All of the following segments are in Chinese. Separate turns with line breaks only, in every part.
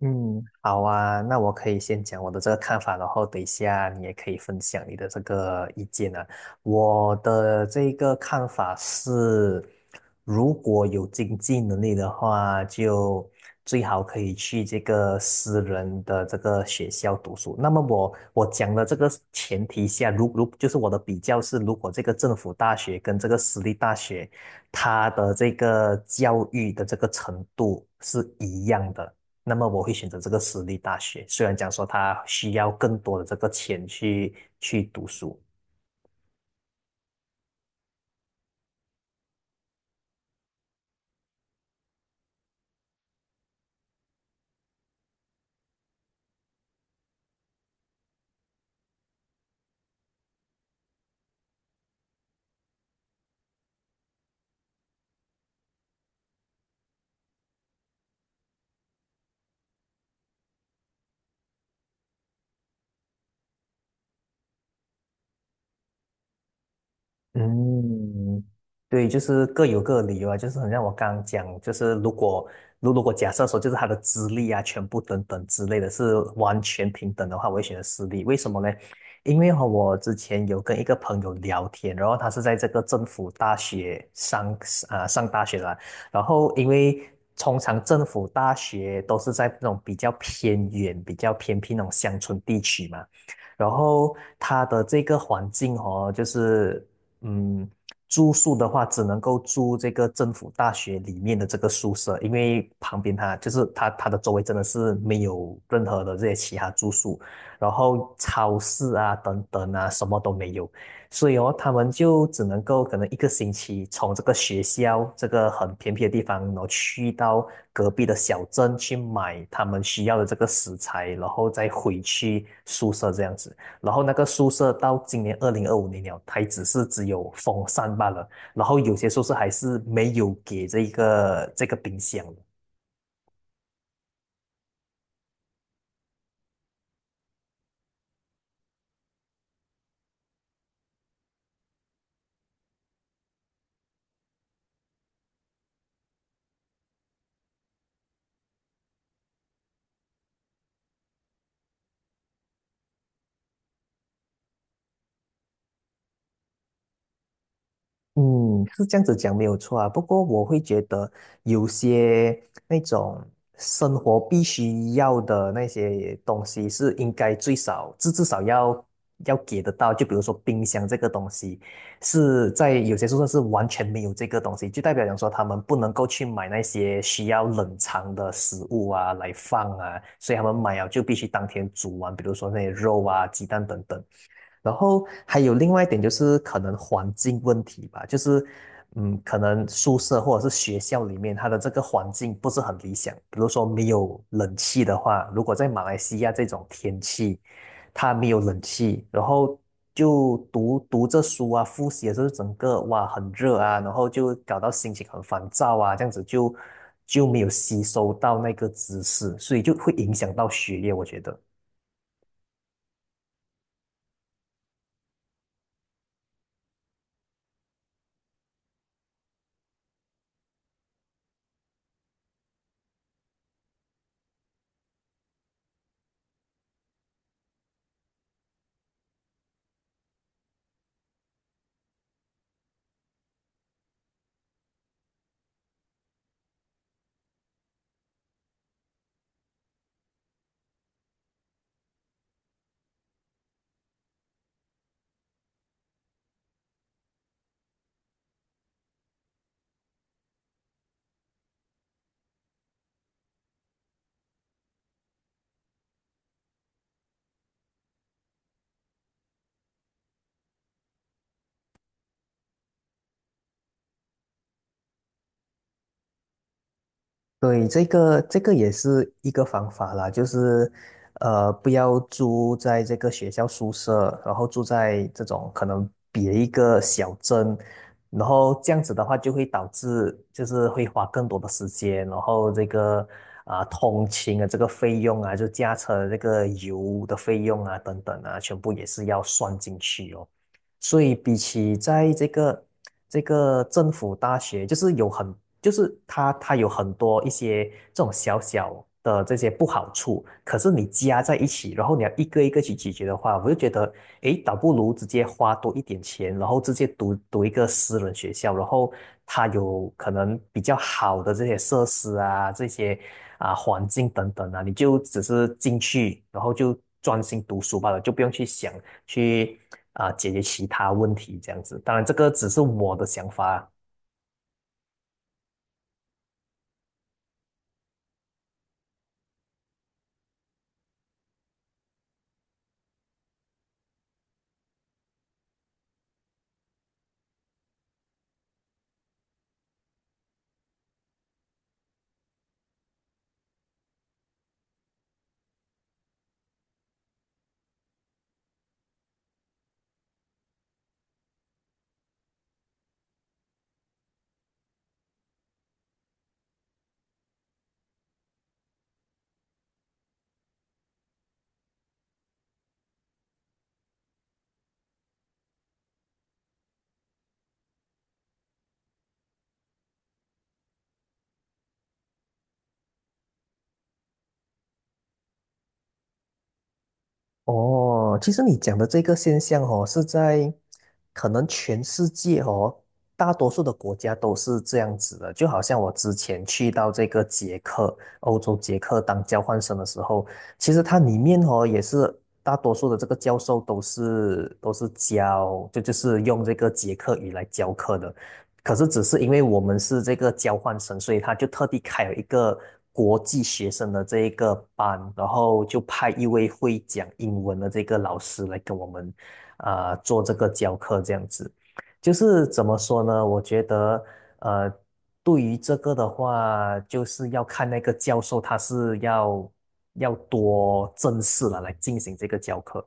嗯，好啊，那我可以先讲我的这个看法，然后等一下你也可以分享你的这个意见啊。我的这个看法是，如果有经济能力的话，就最好可以去这个私人的这个学校读书。那么我讲的这个前提下，就是我的比较是，如果这个政府大学跟这个私立大学，它的这个教育的这个程度是一样的。那么我会选择这个私立大学。虽然讲说他需要更多的这个钱去读书，嗯，对，就是各有各的理由啊，就是很像我刚刚讲，就是如果如果假设说就是他的资历啊、全部等等之类的是完全平等的话，我会选择私立。为什么呢？因为和我之前有跟一个朋友聊天，然后他是在这个政府大学上上大学的啦，然后因为通常政府大学都是在那种比较偏远、比较偏僻那种乡村地区嘛。然后他的这个环境哦，就是嗯，住宿的话，只能够住这个政府大学里面的这个宿舍，因为旁边它就是它的周围真的是没有任何的这些其他住宿，然后超市啊等等啊什么都没有，所以哦，他们就只能够可能一个星期从这个学校这个很偏僻的地方，然后去到隔壁的小镇去买他们需要的这个食材，然后再回去宿舍这样子。然后那个宿舍到今年2025年了，它只有风扇罢了，然后有些宿舍还是没有给这个冰箱的。嗯，是这样子讲没有错啊。不过我会觉得有些那种生活必须要的那些东西是应该最少至少要给得到。就比如说冰箱这个东西，是在有些宿舍是完全没有这个东西，就代表讲说他们不能够去买那些需要冷藏的食物啊来放啊，所以他们买了就必须当天煮完，比如说那些肉啊、鸡蛋等等。然后还有另外一点就是可能环境问题吧，就是嗯，可能宿舍或者是学校里面它的这个环境不是很理想，比如说没有冷气的话，如果在马来西亚这种天气，它没有冷气，然后就读着书啊，复习的时候整个哇很热啊，然后就搞到心情很烦躁啊，这样子就没有吸收到那个知识，所以就会影响到学业，我觉得。对，这个也是一个方法啦，就是不要住在这个学校宿舍，然后住在这种可能别一个小镇，然后这样子的话就会导致就是会花更多的时间，然后这个通勤的这个费用啊，就驾车的这个油的费用啊等等啊，全部也是要算进去哦。所以比起在这个政府大学，就是有很，就是它有很多一些这种小小的这些不好处，可是你加在一起，然后你要一个一个去解决的话，我就觉得，诶，倒不如直接花多一点钱，然后直接读一个私人学校，然后它有可能比较好的这些设施啊，这些啊环境等等啊，你就只是进去，然后就专心读书罢了，就不用去想。去解决其他问题这样子。当然，这个只是我的想法啊。哦，其实你讲的这个现象哦，是在可能全世界哦，大多数的国家都是这样子的。就好像我之前去到这个捷克，欧洲捷克当交换生的时候，其实它里面哦也是大多数的这个教授都是教，就是用这个捷克语来教课的。可是只是因为我们是这个交换生，所以他就特地开了一个国际学生的这一个班，然后就派一位会讲英文的这个老师来跟我们做这个教课，这样子。就是怎么说呢？我觉得呃，对于这个的话，就是要看那个教授他是要多正式了来进行这个教课。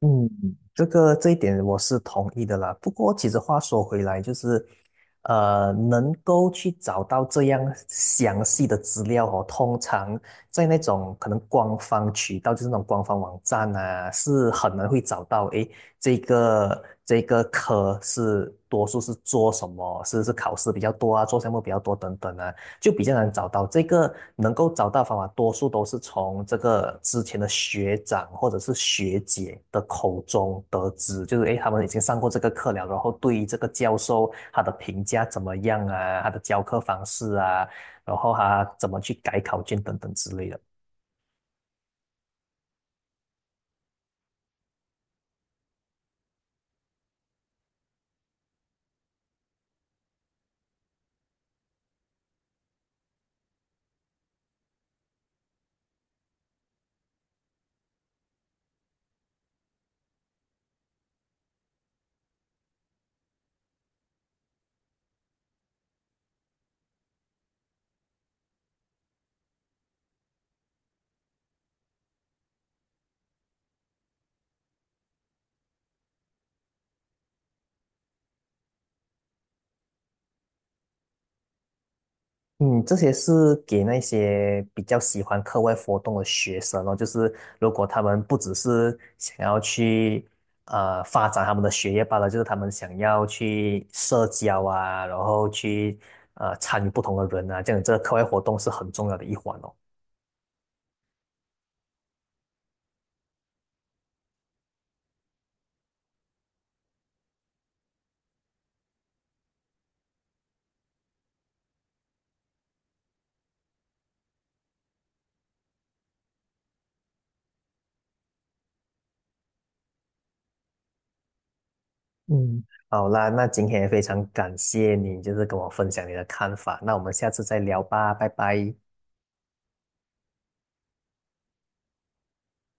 嗯，这一点我是同意的啦。不过，其实话说回来，就是，能够去找到这样详细的资料哦，通常在那种可能官方渠道，就是那种官方网站啊，是很难会找到。诶，这个科是多数是做什么？是考试比较多啊，做项目比较多等等啊。就比较难找到。这个能够找到方法，多数都是从这个之前的学长或者是学姐的口中得知，就是诶，他们已经上过这个课了，然后对于这个教授他的评价怎么样啊，他的教课方式啊，然后他怎么去改考卷等等之类的。嗯，这些是给那些比较喜欢课外活动的学生哦，就是如果他们不只是想要去发展他们的学业罢了，就是他们想要去社交啊，然后去参与不同的人啊，这样这个课外活动是很重要的一环哦。嗯，好啦，那今天也非常感谢你，就是跟我分享你的看法，那我们下次再聊吧，拜拜。